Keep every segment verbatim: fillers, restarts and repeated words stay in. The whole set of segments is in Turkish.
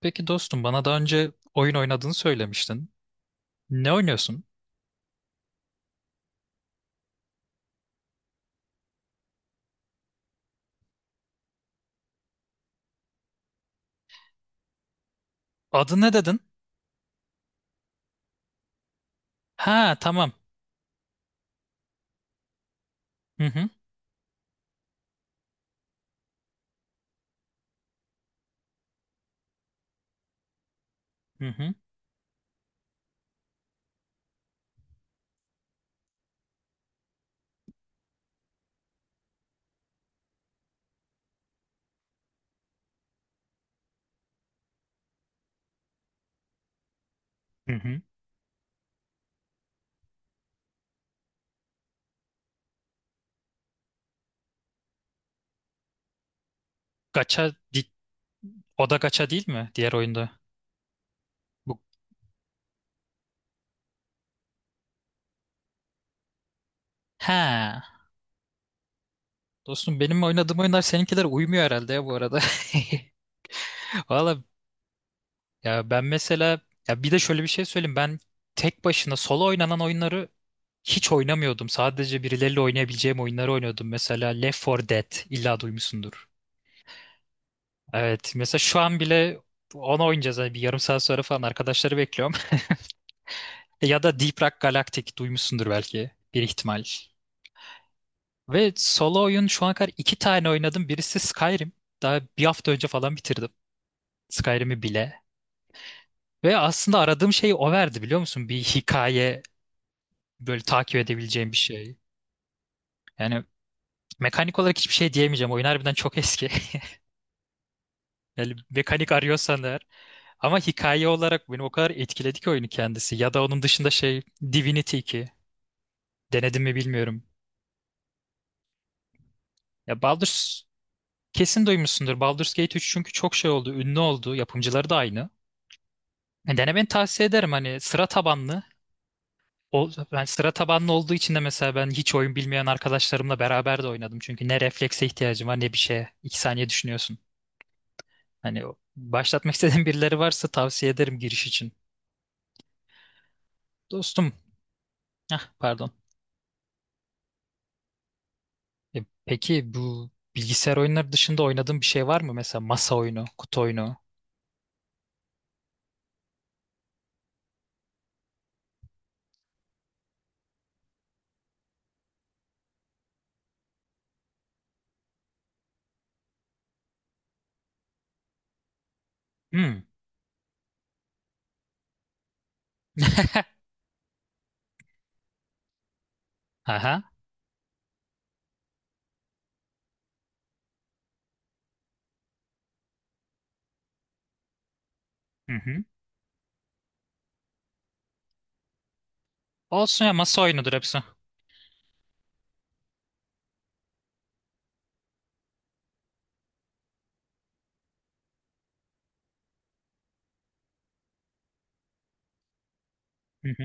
Peki dostum bana daha önce oyun oynadığını söylemiştin. Ne oynuyorsun? Adı ne dedin? Ha, tamam. Hı hı. Hı hı. Hı hı. Gacha di- o da gacha değil mi diğer oyunda? Bu. Ha. Dostum benim oynadığım oyunlar seninkiler uymuyor herhalde ya, bu arada. Valla ya ben mesela, ya bir de şöyle bir şey söyleyeyim, ben tek başına solo oynanan oyunları hiç oynamıyordum. Sadece birileriyle oynayabileceğim oyunları oynuyordum. Mesela Left four Dead illa duymuşsundur. Evet, mesela şu an bile onu oynayacağız. Hani bir yarım saat sonra falan arkadaşları bekliyorum. Ya da Deep Rock Galactic duymuşsundur, belki bir ihtimal. Ve solo oyun şu ana kadar iki tane oynadım. Birisi Skyrim. Daha bir hafta önce falan bitirdim. Skyrim'i bile. Ve aslında aradığım şeyi o verdi, biliyor musun? Bir hikaye, böyle takip edebileceğim bir şey. Yani mekanik olarak hiçbir şey diyemeyeceğim. Oyun harbiden çok eski. Yani mekanik arıyorsan eğer. Ama hikaye olarak beni o kadar etkiledi ki oyunu kendisi. Ya da onun dışında şey, Divinity iki. Denedim mi bilmiyorum. Ya Baldur's kesin duymuşsundur. Baldur's Gate three, çünkü çok şey oldu, ünlü oldu. Yapımcıları da aynı. Yani denemeni tavsiye ederim, hani sıra tabanlı. O, ben sıra tabanlı olduğu için de mesela ben hiç oyun bilmeyen arkadaşlarımla beraber de oynadım. Çünkü ne reflekse ihtiyacım var ne bir şeye. İki saniye düşünüyorsun. Hani o- başlatmak istediğin birileri varsa tavsiye ederim giriş için. Dostum, ah pardon. E, peki bu bilgisayar oyunları dışında oynadığın bir şey var mı? Mesela masa oyunu, kutu oyunu. Hmm. Aha. Hı hı. Olsun ya, masa oyunudur hepsi. Hı hı.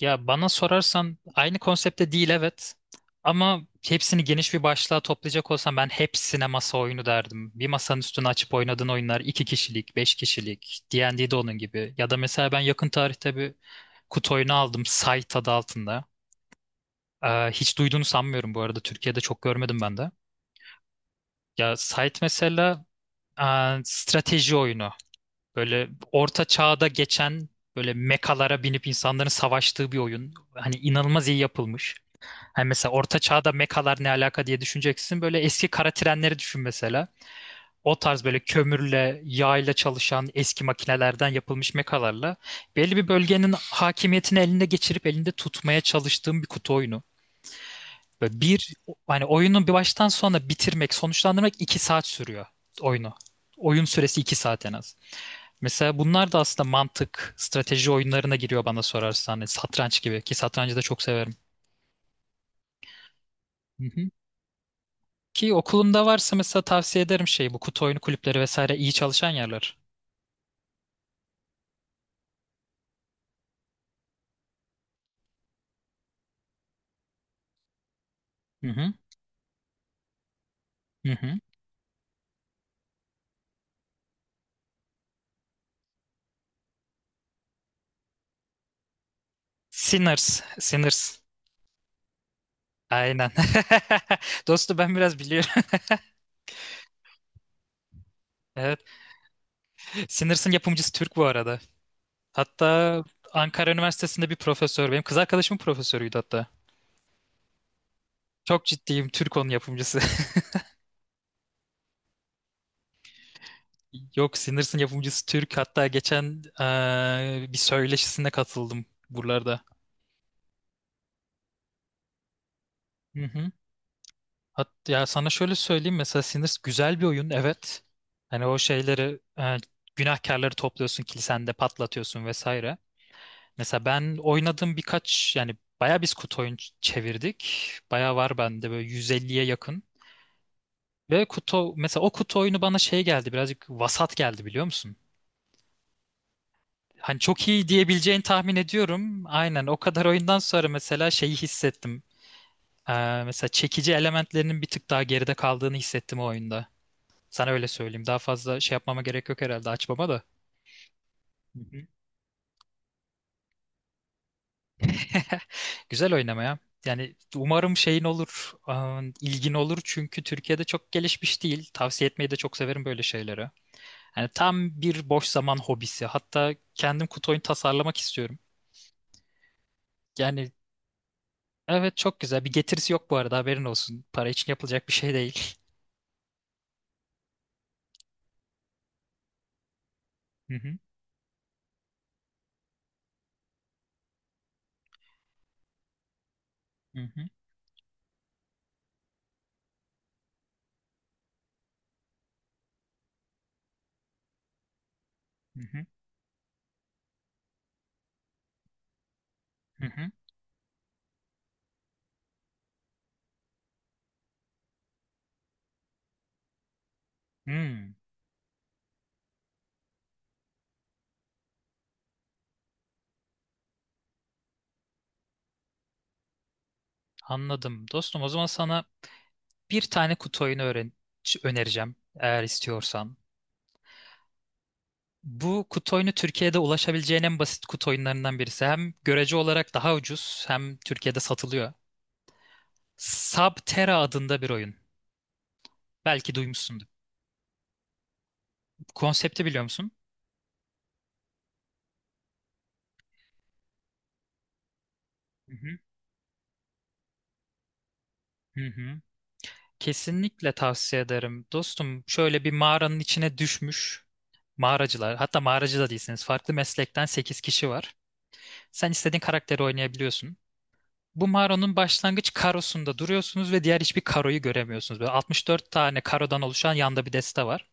Ya bana sorarsan aynı konsepte değil, evet. Ama hepsini geniş bir başlığa toplayacak olsam ben hepsine masa oyunu derdim. Bir masanın üstüne açıp oynadığın oyunlar iki kişilik, beş kişilik, D ve D'de onun gibi. Ya da mesela ben yakın tarihte bir kutu oyunu aldım Site adı altında. Ee, hiç duyduğunu sanmıyorum bu arada. Türkiye'de çok görmedim ben de. Ya Site mesela e, strateji oyunu. Böyle orta çağda geçen, böyle mekalara binip insanların savaştığı bir oyun. Hani inanılmaz iyi yapılmış. Hani mesela orta çağda mekalar ne alaka diye düşüneceksin. Böyle eski kara trenleri düşün mesela. O tarz böyle kömürle, yağ çalışan eski makinelerden yapılmış mekalarla belli bir bölgenin hakimiyetini elinde geçirip elinde tutmaya çalıştığım bir kutu oyunu. Ve bir, hani oyunu bir baştan sona bitirmek, sonuçlandırmak iki saat sürüyor oyunu. Oyun süresi iki saat en az. Mesela bunlar da aslında mantık, strateji oyunlarına giriyor bana sorarsan. Hani satranç gibi, ki satrancı da çok severim. Hı hı. Ki okulunda varsa mesela tavsiye ederim şey, bu kutu oyunu kulüpleri vesaire iyi çalışan yerler. Hı hı. Hı hı. Sinners. Sinners. Aynen. Dostum ben biraz biliyorum. Evet. Sinners'ın yapımcısı Türk bu arada. Hatta Ankara Üniversitesi'nde bir profesör. Benim kız arkadaşımın profesörüydü hatta. Çok ciddiyim. Türk onun yapımcısı. Yok, Sinners'ın yapımcısı Türk. Hatta geçen eee, bir söyleşisine katıldım buralarda. Hı hı. Hat ya sana şöyle söyleyeyim, mesela Sinners güzel bir oyun, evet. Hani o şeyleri eee, günahkarları topluyorsun kilisende patlatıyorsun vesaire. Mesela ben oynadığım birkaç yani bayağı biz kutu oyun ç- çevirdik. Bayağı var bende böyle yüz elliye yakın. Ve kutu mesela o kutu oyunu bana şey geldi, birazcık vasat geldi, biliyor musun? Hani çok iyi diyebileceğini tahmin ediyorum. Aynen, o kadar oyundan sonra mesela şeyi hissettim. Ee, mesela çekici elementlerinin bir tık daha geride kaldığını hissettim o oyunda. Sana öyle söyleyeyim. Daha fazla şey yapmama gerek yok herhalde, açmama da. Hı hı. Güzel oynamaya. Yani umarım şeyin olur, aa, ilgin olur çünkü Türkiye'de çok gelişmiş değil. Tavsiye etmeyi de çok severim böyle şeyleri. Yani tam bir boş zaman hobisi. Hatta kendim kutu oyun tasarlamak istiyorum. Yani evet, çok güzel. Bir getirisi yok bu arada, haberin olsun. Para için yapılacak bir şey değil. Hı hı. Hı hı. Hı hı. Hı hı. Hmm, anladım. Dostum o zaman sana bir tane kutu oyunu öğren önereceğim eğer istiyorsan. Bu kutu oyunu Türkiye'de ulaşabileceğin en basit kutu oyunlarından birisi. Hem görece olarak daha ucuz, hem Türkiye'de satılıyor. Subterra adında bir oyun. Belki duymuşsundur. Konsepti biliyor musun? Hı hı. Hı hı. Kesinlikle tavsiye ederim. Dostum şöyle bir mağaranın içine düşmüş. Mağaracılar, hatta mağaracı da değilsiniz. Farklı meslekten sekiz kişi var. Sen istediğin karakteri oynayabiliyorsun. Bu mağaranın başlangıç karosunda duruyorsunuz ve diğer hiçbir karoyu göremiyorsunuz. Böyle altmış dört tane karodan oluşan yanda bir deste var.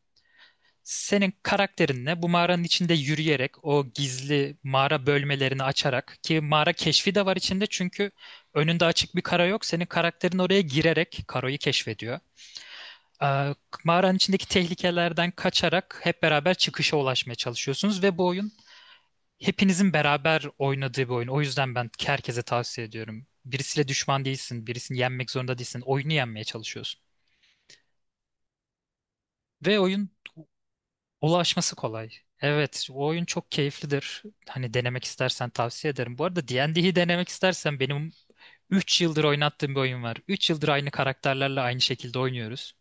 Senin karakterinle bu mağaranın içinde yürüyerek o gizli mağara bölmelerini açarak, ki mağara keşfi de var içinde çünkü önünde açık bir karo yok. Senin karakterin oraya girerek karoyu keşfediyor. Ee, mağaranın içindeki tehlikelerden kaçarak hep beraber çıkışa ulaşmaya çalışıyorsunuz ve bu oyun hepinizin beraber oynadığı bir oyun. O yüzden ben herkese tavsiye ediyorum. Birisiyle düşman değilsin, birisini yenmek zorunda değilsin. Oyunu yenmeye çalışıyorsun. Ve oyun ulaşması kolay. Evet, o oyun çok keyiflidir. Hani denemek istersen tavsiye ederim. Bu arada D ve D'yi denemek istersen benim üç yıldır oynattığım bir oyun var. Üç yıldır aynı karakterlerle aynı şekilde oynuyoruz.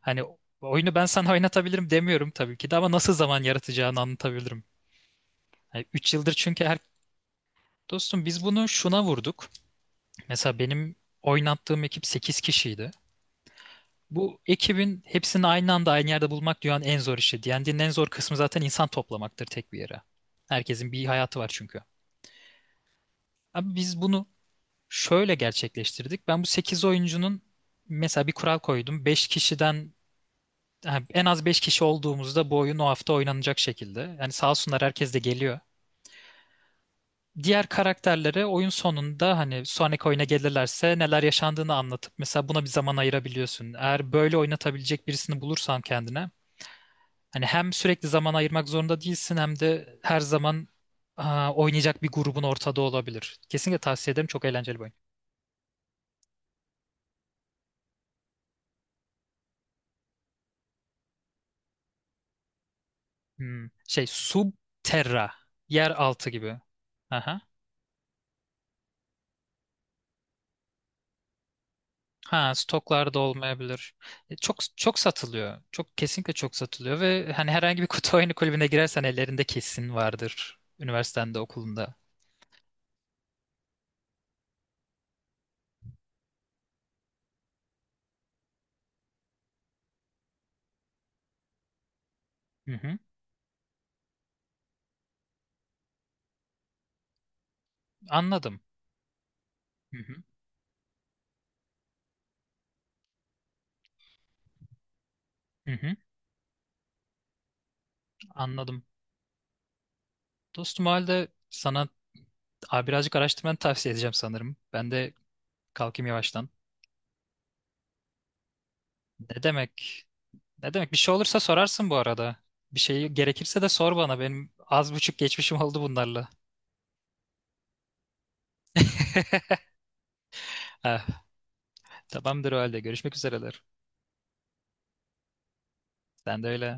Hani oyunu ben sana oynatabilirim demiyorum tabii ki de, ama nasıl zaman yaratacağını anlatabilirim. Hani üç yıldır çünkü her... Dostum biz bunu şuna vurduk. Mesela benim oynattığım ekip sekiz kişiydi. Bu ekibin hepsini aynı anda aynı yerde bulmak dünyanın en zor işi. D and D'nin en zor kısmı zaten insan toplamaktır tek bir yere. Herkesin bir hayatı var çünkü. Abi biz bunu şöyle gerçekleştirdik. Ben bu sekiz oyuncunun mesela bir kural koydum. Beş kişiden ha, en az beş kişi olduğumuzda bu oyun o hafta oynanacak şekilde. Yani sağ olsunlar, herkes de geliyor. Diğer karakterlere oyun sonunda hani sonraki oyuna gelirlerse neler yaşandığını anlatıp mesela buna bir zaman ayırabiliyorsun. Eğer böyle oynatabilecek birisini bulursan kendine hani hem sürekli zaman ayırmak zorunda değilsin hem de her zaman aa, oynayacak bir grubun ortada olabilir. Kesinlikle tavsiye ederim. Çok eğlenceli bir oyun. Hmm. Şey Subterra. Yer altı gibi. Aha. Ha, stoklarda olmayabilir. E, çok çok satılıyor. Çok, kesinlikle çok satılıyor ve hani herhangi bir kutu oyunu kulübüne girersen ellerinde kesin vardır. Üniversitende, okulunda. Hı hı. Anladım. Hı hı. Hı hı. Anladım. Dostum o halde sana a, birazcık araştırmanı tavsiye edeceğim sanırım. Ben de kalkayım yavaştan. Ne demek? Ne demek? Bir şey olursa sorarsın bu arada. Bir şey gerekirse de sor bana. Benim az buçuk geçmişim oldu bunlarla. Ah, tamamdır o halde. Görüşmek üzereler. Sen de öyle.